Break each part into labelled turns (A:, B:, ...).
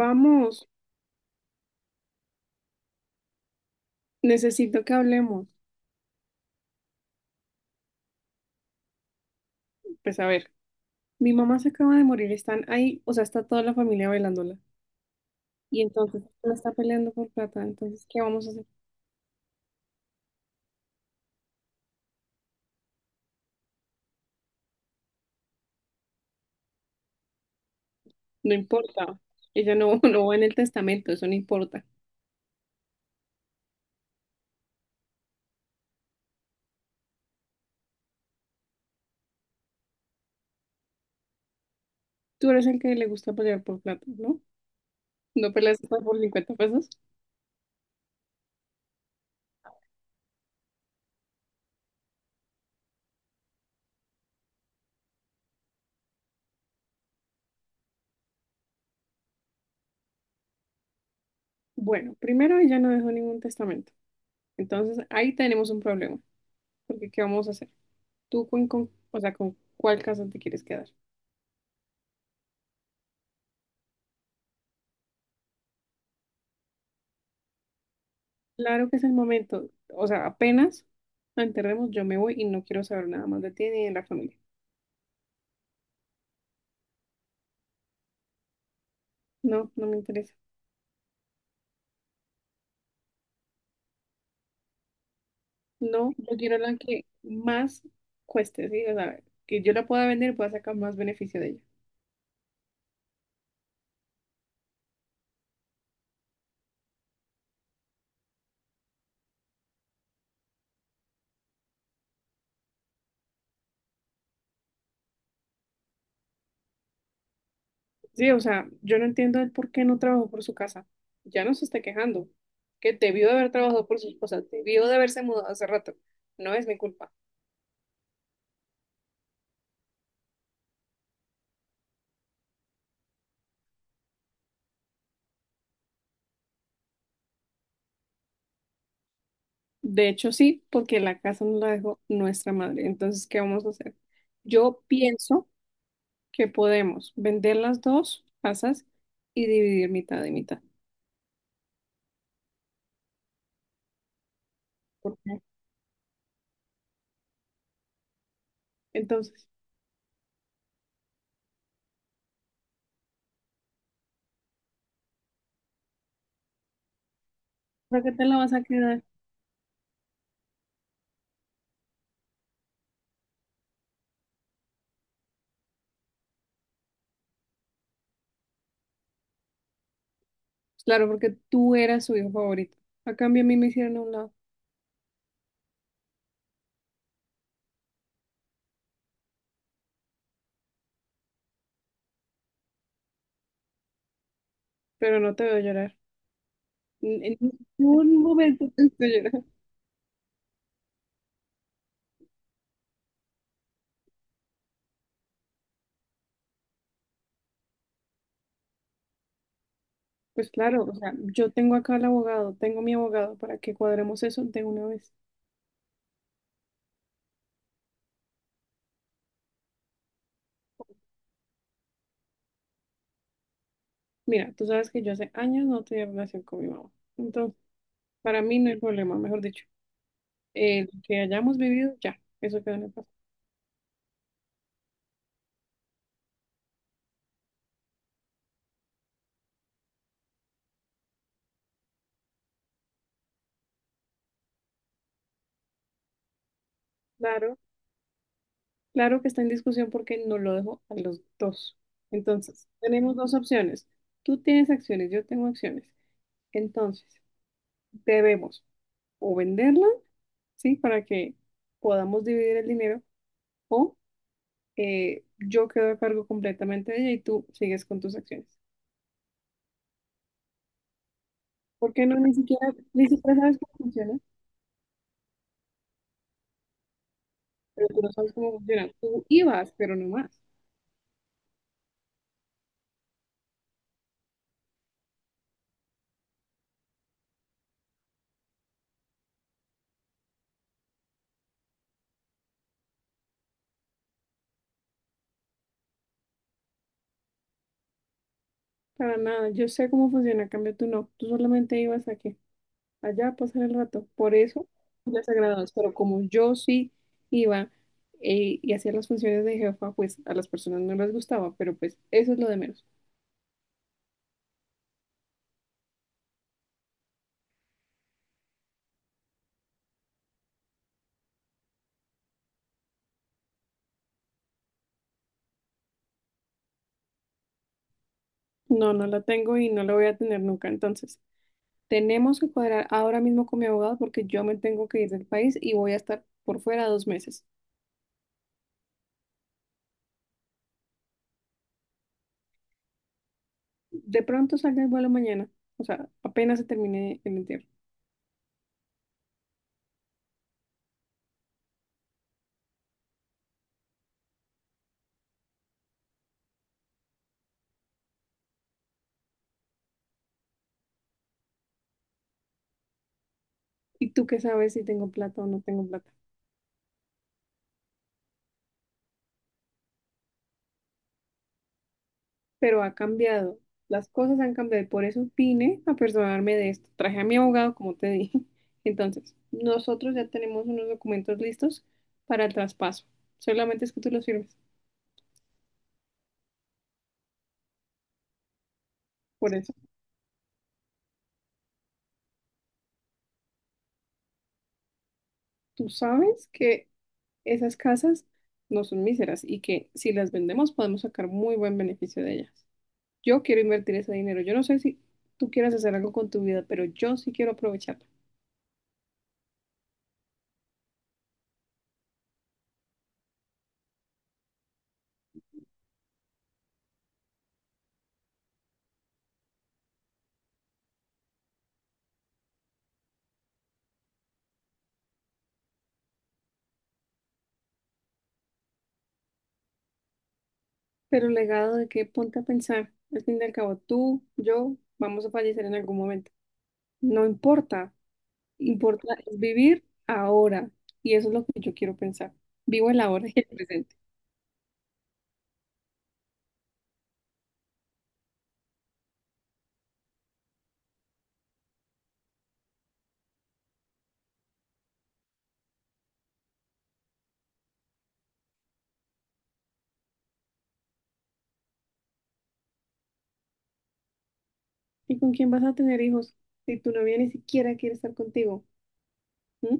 A: Vamos, necesito que hablemos. Pues a ver, mi mamá se acaba de morir, están ahí, o sea, está toda la familia bailándola. Y entonces ella está peleando por plata, entonces, ¿qué vamos a hacer? No importa, ella no, no va en el testamento, eso no importa. Tú eres el que le gusta pelear por plata, ¿no? ¿No peleas por 50 pesos? Bueno, primero ella no dejó ningún testamento, entonces ahí tenemos un problema, porque ¿qué vamos a hacer? ¿Tú o sea, con cuál casa te quieres quedar? Claro que es el momento. O sea, apenas la enterremos, yo me voy y no quiero saber nada más de ti ni de la familia. No, no me interesa. No, yo quiero la que más cueste, ¿sí? O sea, que yo la pueda vender y pueda sacar más beneficio de ella. Sí, o sea, yo no entiendo el por qué no trabajó por su casa. Ya no se está quejando. Que debió de haber trabajado por sus cosas, debió de haberse mudado hace rato. No es mi culpa. De hecho, sí, porque la casa nos la dejó nuestra madre. Entonces, ¿qué vamos a hacer? Yo pienso que podemos vender las dos casas y dividir mitad y mitad. ¿Por qué? Entonces, ¿para qué te la vas a quedar? Claro, porque tú eras su hijo favorito. A cambio, a mí me hicieron a un lado, pero no te veo llorar. En ningún momento te estoy llorando. Pues claro, o sea, yo tengo acá al abogado, tengo mi abogado para que cuadremos eso de una vez. Mira, tú sabes que yo hace años no tenía relación con mi mamá, entonces. Para mí no hay problema, mejor dicho. Lo que hayamos vivido, ya, eso queda en el pasado. Claro, claro que está en discusión porque no lo dejo a los dos. Entonces, tenemos dos opciones. Tú tienes acciones, yo tengo acciones. Entonces, debemos o venderla, ¿sí? Para que podamos dividir el dinero, o yo quedo a cargo completamente de ella y tú sigues con tus acciones. ¿Por qué no? Ni siquiera sabes cómo funciona, pero tú no sabes cómo funciona. Tú ibas, pero no más. Para nada, yo sé cómo funciona, en cambio tú no. Tú solamente ibas a qué, allá a pasar el rato. Por eso tú les agradabas, pero como yo sí iba, y hacía las funciones de jefa, pues a las personas no les gustaba, pero pues eso es lo de menos. No, no la tengo y no la voy a tener nunca. Entonces, tenemos que cuadrar ahora mismo con mi abogado porque yo me tengo que ir del país y voy a estar por fuera 2 meses. De pronto salga el vuelo mañana, o sea, apenas se termine el entierro. ¿Y tú qué sabes si tengo plata o no tengo plata? Pero ha cambiado. Las cosas han cambiado y por eso vine a personarme de esto. Traje a mi abogado, como te dije. Entonces, nosotros ya tenemos unos documentos listos para el traspaso. Solamente es que tú los firmes. Por eso, tú sabes que esas casas no son míseras y que si las vendemos podemos sacar muy buen beneficio de ellas. Yo quiero invertir ese dinero. Yo no sé si tú quieras hacer algo con tu vida, pero yo sí quiero aprovecharla. Pero legado de qué, ponte a pensar. Al fin y al cabo, tú, yo, vamos a fallecer en algún momento. No importa. Importa es vivir ahora. Y eso es lo que yo quiero pensar. Vivo el ahora y el presente. ¿Y con quién vas a tener hijos si tu novia ni siquiera quiere estar contigo? ¿Mm?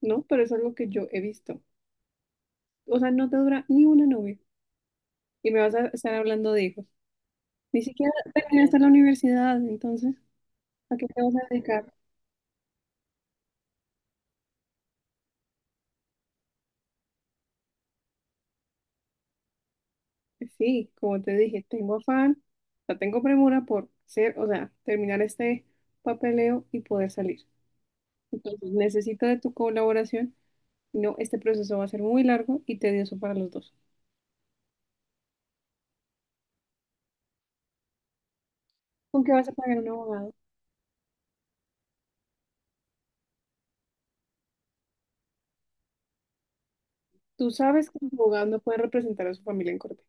A: No, pero eso es lo que yo he visto. O sea, no te dura ni una novia. Y me vas a estar hablando de hijos. Ni siquiera terminaste la universidad, entonces, ¿a qué te vas a dedicar? Sí, como te dije, tengo afán, la tengo premura por ser, o sea, terminar este papeleo y poder salir. Entonces, necesito de tu colaboración, si no, este proceso va a ser muy largo y tedioso para los dos. ¿Con qué vas a pagar un abogado? Tú sabes que el abogado no puede representar a su familia en corte.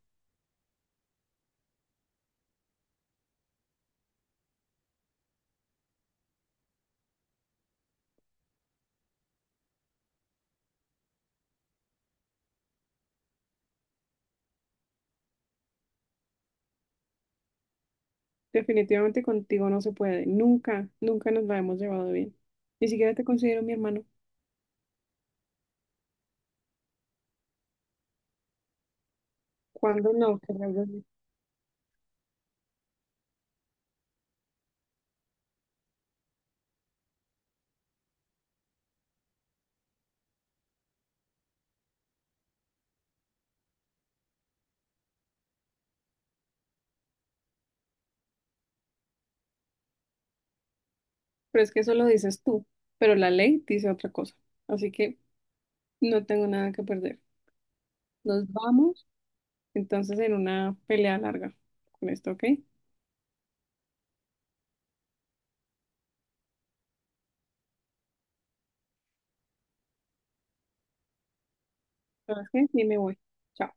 A: Definitivamente contigo no se puede, nunca, nunca nos la hemos llevado bien. Ni siquiera te considero mi hermano. ¿Cuándo no? Qué raro. ¿No? Pero es que eso lo dices tú, pero la ley dice otra cosa. Así que no tengo nada que perder. Nos vamos entonces en una pelea larga con esto, ¿ok? ¿Sabes qué? Sí, me voy. Chao.